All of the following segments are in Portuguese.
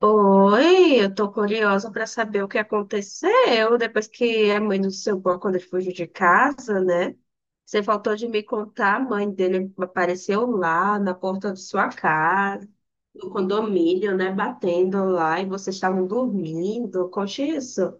Oi, eu tô curiosa para saber o que aconteceu depois que a mãe do seu Gó, quando ele fugiu de casa, né? Você faltou de me contar, a mãe dele apareceu lá na porta de sua casa, no condomínio, né? Batendo lá e vocês estavam dormindo, conte isso.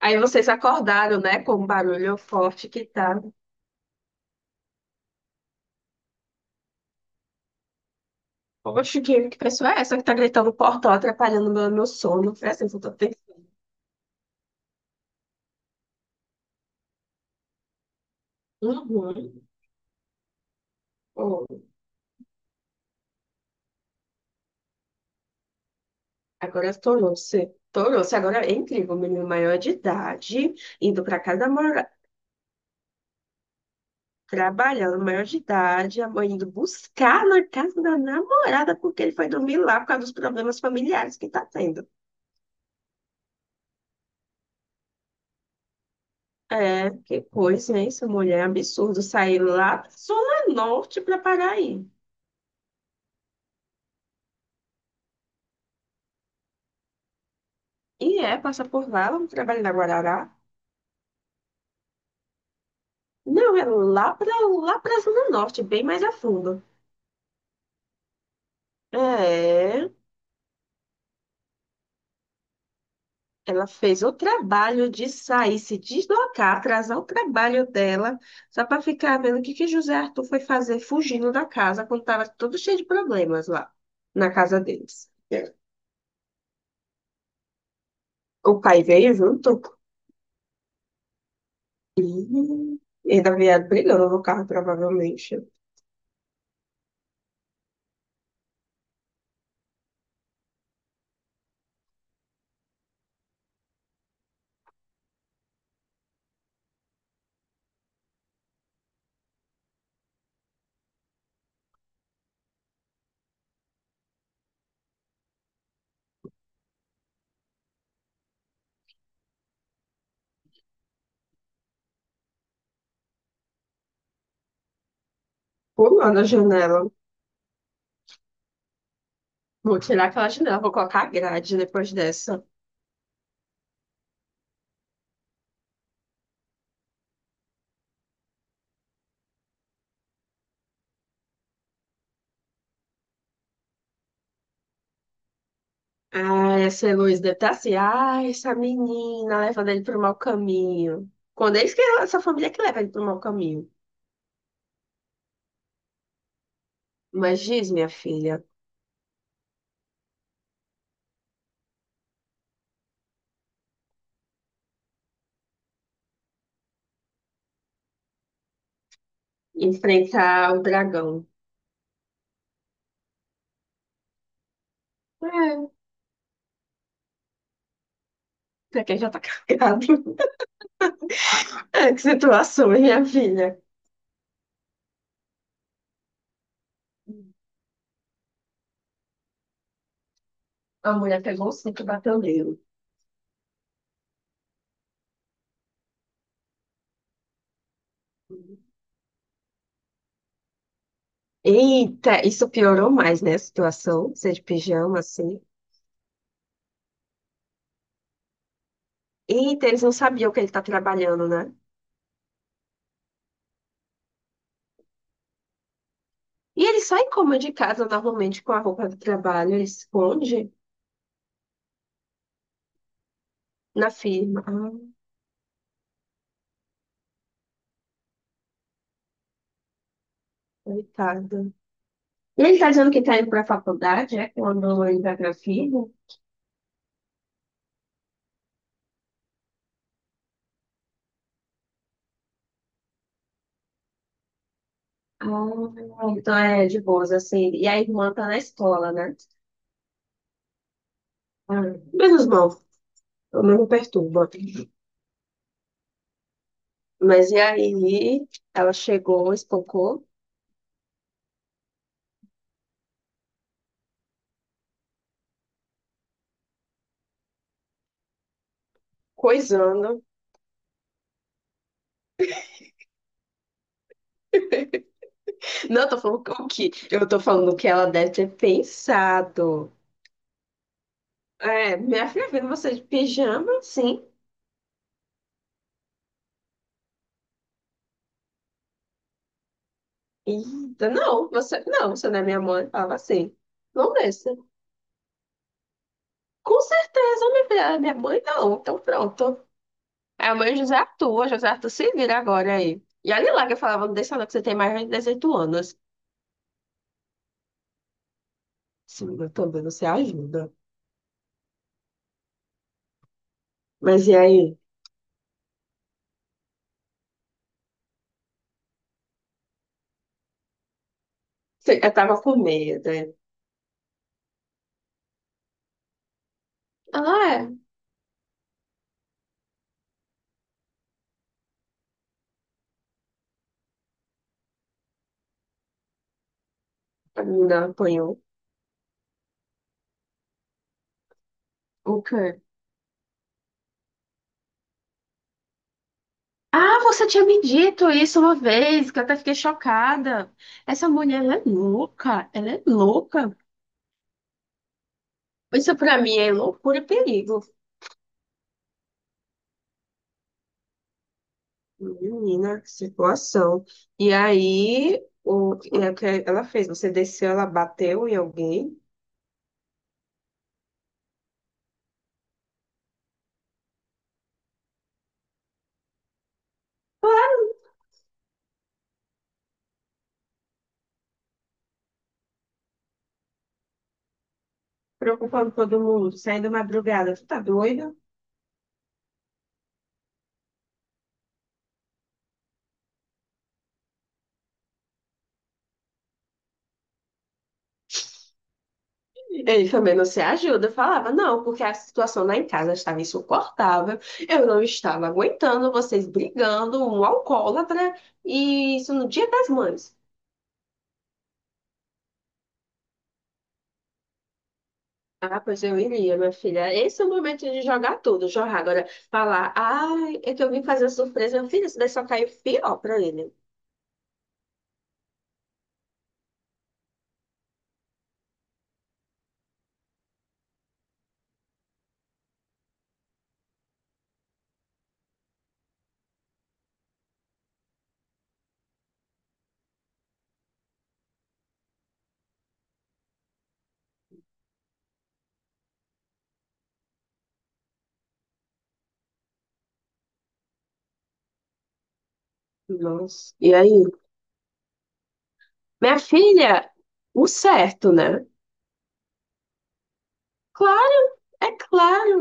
Aí vocês acordaram, né? Com o barulho forte que tá. Poxa, que pessoa é essa que tá gritando no portão, atrapalhando meu sono? Foi assim que eu tô pensando. Uhum. Agora tornou-se, agora é incrível, o menino maior de idade, indo para casa da mora, trabalhando maior de idade, a mãe indo buscar na casa da namorada, porque ele foi dormir lá por causa dos problemas familiares que tá tendo. É, que coisa, hein? Essa mulher é absurdo sair lá da Zona Norte para Paraí. E é, passa por lá, vamos trabalhar na Guarará. Não, é lá para lá para Zona Norte, bem mais a fundo. É. Ela fez o trabalho de sair, se deslocar, atrasar o trabalho dela, só para ficar vendo o que que José Arthur foi fazer fugindo da casa quando estava tudo cheio de problemas lá na casa deles. É. O pai veio junto e ainda vieram brigando no carro, provavelmente. Pulando a janela. Vou tirar aquela janela, vou colocar a grade depois dessa. Ah, essa Heloísa deve estar assim. Ah, essa menina levando ele para o mau caminho. Quando eles que essa família que leva ele para o mau caminho. Mas diz, minha filha, enfrentar o dragão. É, pra quem já tá carregado. É, que situação, hein, minha filha? A mulher pegou o cinto e bateu nele. Eita, isso piorou mais, né, a situação, ser de pijama, assim. Eita, eles não sabiam que ele tá trabalhando, né? E ele sai como de casa normalmente com a roupa do trabalho, ele esconde na firma. Ah, coitada. E ele tá dizendo que tá indo pra faculdade, é? Quando ele vai pra firma. Ah, então é de boas, assim. E a irmã tá na escola, né? Ah, menos mal, eu não me perturba. Mas e aí, ela chegou, espancou. Coisando. Não, eu tô falando o que? Eu tô falando o que ela deve ter pensado. É, minha filha vendo você de pijama, sim. Eita, não, você não é minha mãe. Falava assim. Não desça. Com certeza, minha filha, minha mãe não. Então pronto. É o meu José Arthur, José Arthur se vira agora aí. E olha lá que eu falava, não deixa não, que você tem mais de 18 anos. Sim, eu também, você ajuda. Mas e aí? Eu tava com medo, né? Ah, é. A menina apanhou. O quê? Ah, você tinha me dito isso uma vez, que eu até fiquei chocada. Essa mulher, ela é louca. Isso pra mim é loucura e perigo. Menina, que situação. E aí, e é o que ela fez? Você desceu, ela bateu em alguém? Preocupando todo mundo, saindo madrugada. Tu tá doido? Ele também não se ajuda. Eu falava, não, porque a situação lá em casa estava insuportável, eu não estava aguentando vocês brigando, um alcoólatra, e isso no Dia das Mães. Ah, pois eu iria, minha filha. Esse é o momento de jogar tudo, jogar. Agora, falar, ai, é que eu vim fazer uma surpresa, minha filha, isso daí só caiu pior pra ele. Nossa. E aí? Minha filha, o certo, né? Claro, é claro.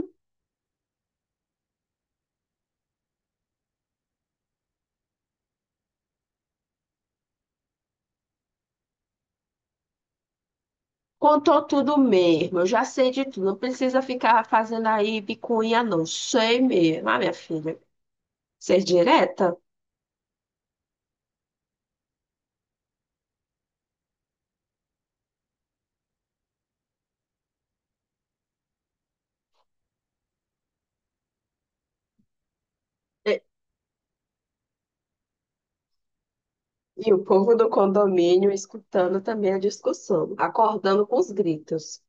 Contou tudo mesmo, eu já sei de tudo. Não precisa ficar fazendo aí bicuinha, não. Sei mesmo, ah, minha filha. Ser direta? E, e o povo do condomínio escutando também a discussão, acordando com os gritos.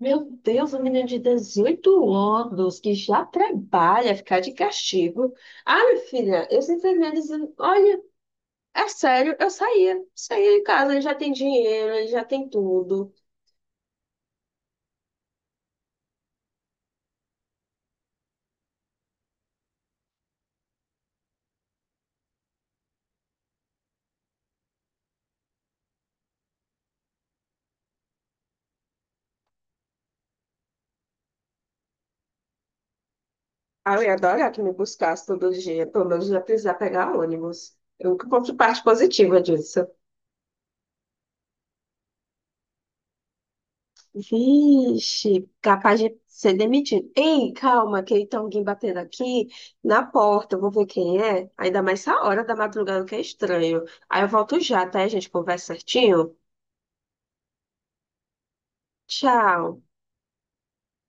Meu Deus, um menino de 18 anos que já trabalha, ficar de castigo. Ah, minha filha, eu simplesmente dizendo, olha, é sério, eu saía de casa, ele já tem dinheiro, ele já tem tudo. Ah, eu ia adorar que me buscasse todo dia, pelo menos já precisar pegar ônibus. Eu nunca ponto parte positiva disso. Vixe, capaz de ser demitido. Ei, calma, que tem alguém batendo aqui na porta, eu vou ver quem é. Ainda mais essa hora da madrugada que é estranho. Aí eu volto já, tá? A gente conversa certinho. Tchau.